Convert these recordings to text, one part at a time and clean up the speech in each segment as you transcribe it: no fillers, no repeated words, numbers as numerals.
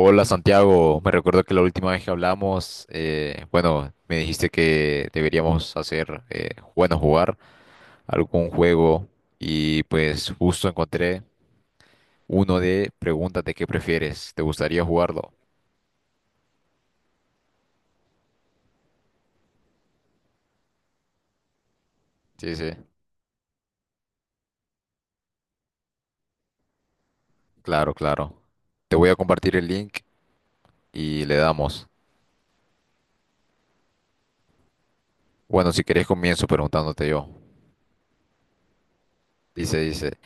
Hola Santiago, me recuerdo que la última vez que hablamos, bueno, me dijiste que deberíamos hacer, bueno, jugar algún juego y pues justo encontré uno de preguntas de qué prefieres. ¿Te gustaría jugarlo? Sí, sí, claro, claro. Te voy a compartir el link y le damos. Bueno, si querés comienzo preguntándote yo. Dice, dice.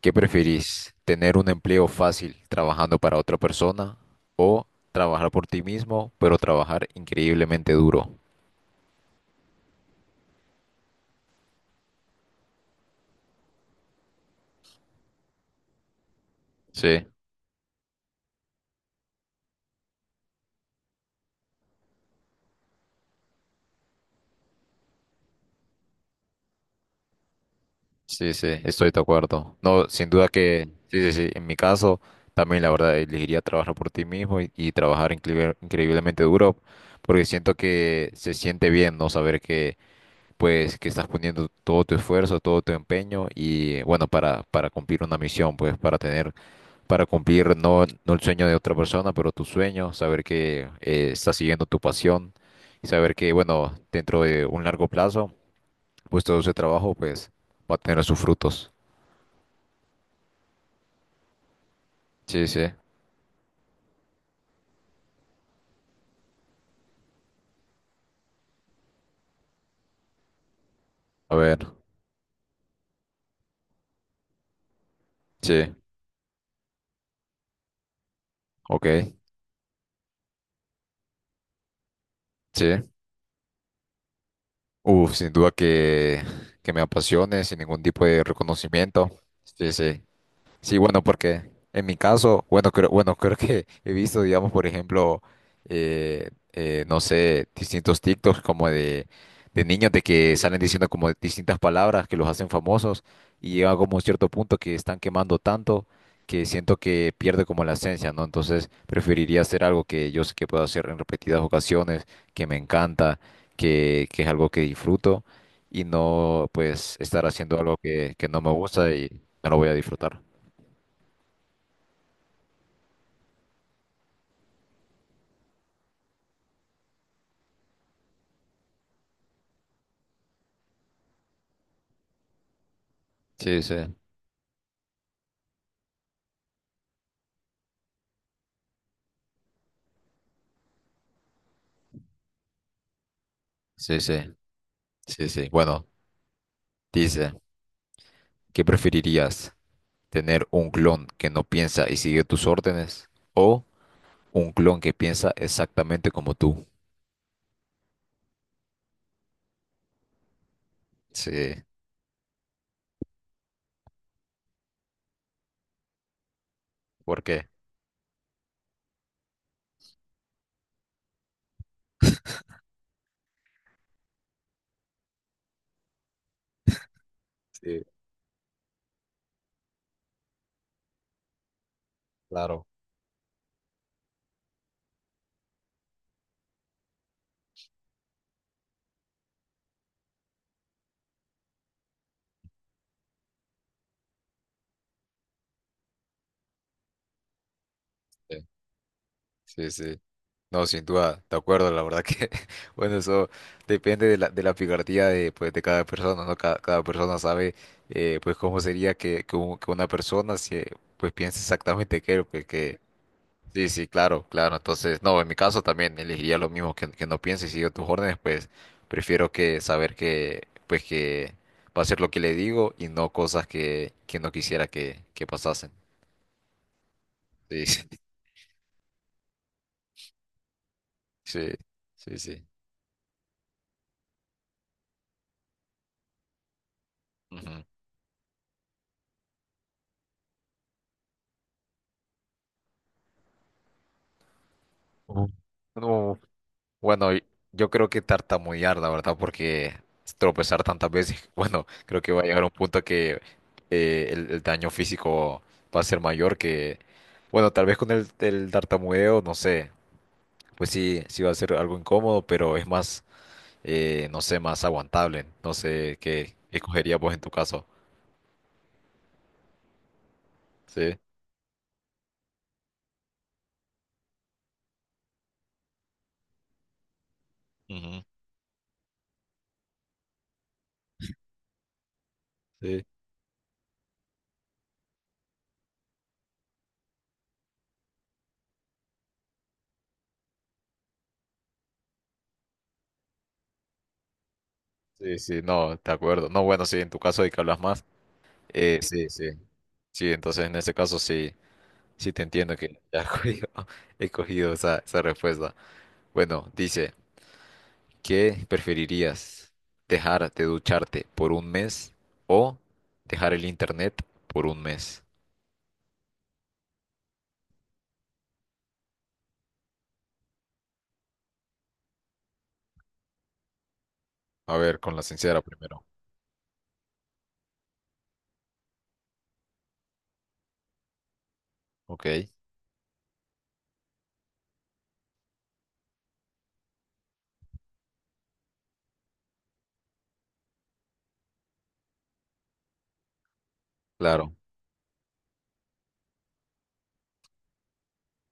¿Qué preferís? ¿Tener un empleo fácil trabajando para otra persona o trabajar por ti mismo, pero trabajar increíblemente duro? Sí, sí, sí, estoy de acuerdo. No, sin duda que, sí, sí, sí, en mi caso también la verdad elegiría trabajar por ti mismo y trabajar increíblemente duro, porque siento que se siente bien no saber que, pues que estás poniendo todo tu esfuerzo, todo tu empeño y bueno, para cumplir una misión, pues para tener para cumplir no, no el sueño de otra persona, pero tu sueño, saber que estás siguiendo tu pasión y saber que, bueno, dentro de un largo plazo, pues todo ese trabajo, pues va a tener sus frutos. Sí, sí. A ver, sí, ok, sí. Uf, sin duda que me apasione, sin ningún tipo de reconocimiento. Sí, sí. Sí, bueno, porque en mi caso, bueno, creo, bueno, creo que he visto, digamos, por ejemplo, no sé, distintos TikToks como de niños de que salen diciendo como distintas palabras que los hacen famosos y llega como un cierto punto que están quemando tanto, que siento que pierde como la esencia, ¿no? Entonces preferiría hacer algo que yo sé que puedo hacer en repetidas ocasiones, que me encanta, que es algo que disfruto y no, pues, estar haciendo algo que no me gusta y no lo voy a disfrutar. Sí, sí, sí, sí, sí, sí. Bueno, dice, ¿qué preferirías? ¿Tener un clon que no piensa y sigue tus órdenes? ¿O un clon que piensa exactamente como tú? Sí, ¿por qué? Sí, claro. Sí, sí. Sí. No, sin duda, de acuerdo, la verdad que, bueno, eso depende de la picardía de, pues, de cada persona, ¿no? Cada, cada persona sabe, pues, cómo sería que, que una persona, se, pues, piense exactamente que él, pues, que, sí, sí, claro, claro. Entonces, no, en mi caso también elegiría lo mismo, que no piense y sigo tus órdenes, pues prefiero que saber que, pues que va a ser lo que le digo y no cosas que no quisiera que pasasen. Sí, sí, sí, sí. Sí. Ujú. Ujú. No, bueno, yo creo que tartamudear, la verdad, porque tropezar tantas veces, bueno, creo que va a llegar un punto que el daño físico va a ser mayor que, bueno, tal vez con el tartamudeo, no sé. Pues sí, sí va a ser algo incómodo, pero es más, no sé, más aguantable. No sé qué escogerías vos en tu caso. Sí, ujú, sí, sí, sí, no, de acuerdo. No, bueno, sí, en tu caso hay que hablas más. Sí, sí, sí, entonces en ese caso sí, sí te entiendo que ya he cogido, he cogido esa, esa respuesta. Bueno, dice, ¿qué preferirías? ¿Dejar de ducharte por un mes o dejar el internet por un mes? A ver, con la sincera primero. Ok, claro.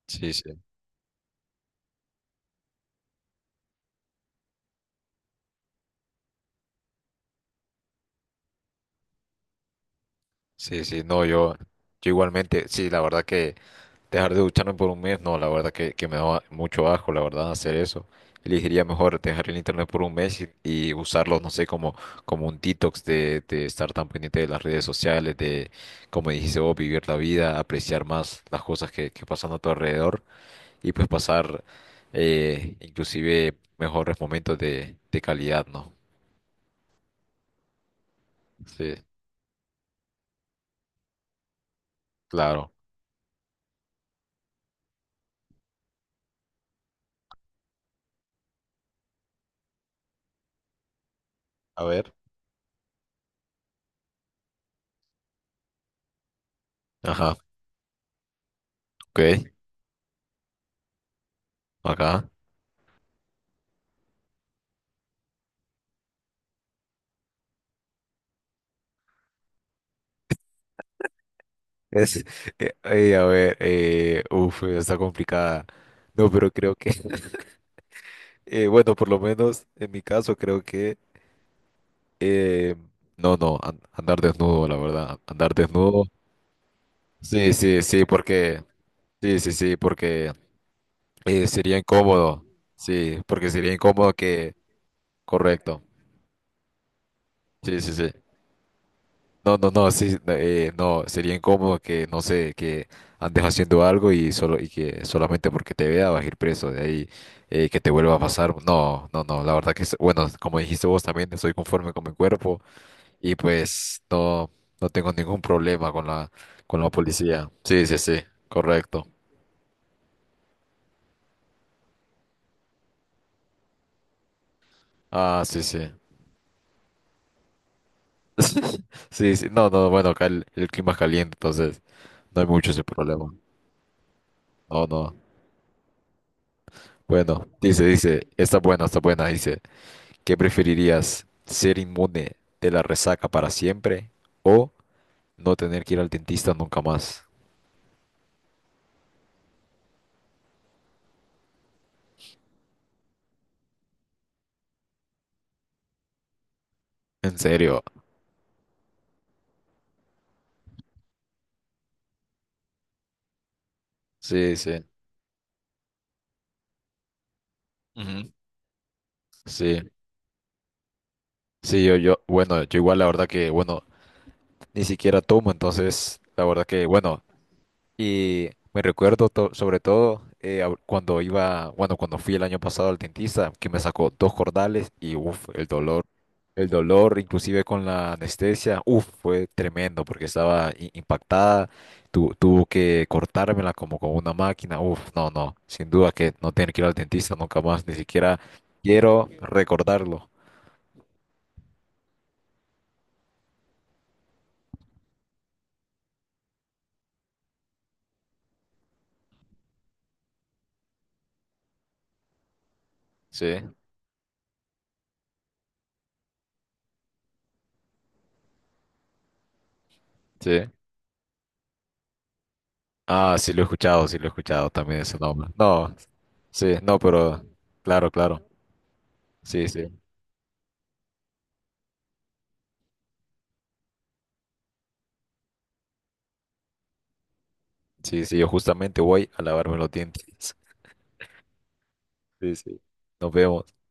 Sí, sí, sí, sí, no, yo igualmente, sí, la verdad que dejar de ducharme por un mes, no, la verdad que me da mucho asco, la verdad, hacer eso. Elegiría mejor dejar el internet por un mes y usarlo, no sé, como, como un detox de estar tan pendiente de las redes sociales, de, como dijiste vos, vivir la vida, apreciar más las cosas que pasan a tu alrededor y pues pasar inclusive mejores momentos de calidad, ¿no? Sí, claro. A ver. Ajá, ok, acá. Es, a ver, uf, está complicada. No, pero creo que, bueno, por lo menos en mi caso creo que, eh, no, no, andar desnudo, la verdad, andar desnudo. Sí, sí, sí, porque, sí, sí, sí, porque sería incómodo, sí, porque sería incómodo que, correcto, sí, sí, sí. No, no, no, sí, no, no, sería incómodo que, no sé, que andes haciendo algo y solo, y que solamente porque te vea vas a ir preso, de ahí que te vuelva a pasar. No, no, no, la verdad que, bueno, como dijiste vos también, soy conforme con mi cuerpo y pues no, no tengo ningún problema con la policía. Sí, sí, sí, correcto. Ah, sí, sí. Sí, sí, no, no, bueno, acá el clima es caliente, entonces no hay mucho ese problema. No, no. Bueno, dice, dice, está buena, dice. ¿Qué preferirías? ¿Ser inmune de la resaca para siempre o no tener que ir al dentista nunca más? En serio. Sí, sí. Ujú. Sí. Sí, yo, bueno, yo igual la verdad que, bueno, ni siquiera tomo, entonces, la verdad que, bueno, y me recuerdo sobre todo cuando iba, bueno, cuando fui el año pasado al dentista, que me sacó dos cordales y uff, el dolor, inclusive con la anestesia, uff, fue tremendo porque estaba impactada, tuvo que cortármela como con una máquina, uff, no, no, sin duda que no tener que ir al dentista nunca más, ni siquiera quiero recordarlo. Sí, sí. Ah, sí lo he escuchado, sí lo he escuchado también ese nombre. No, sí, no, pero claro, claro. Sí, sí. Sí, sí, yo justamente voy a lavarme los dientes. Sí, sí. Nos vemos.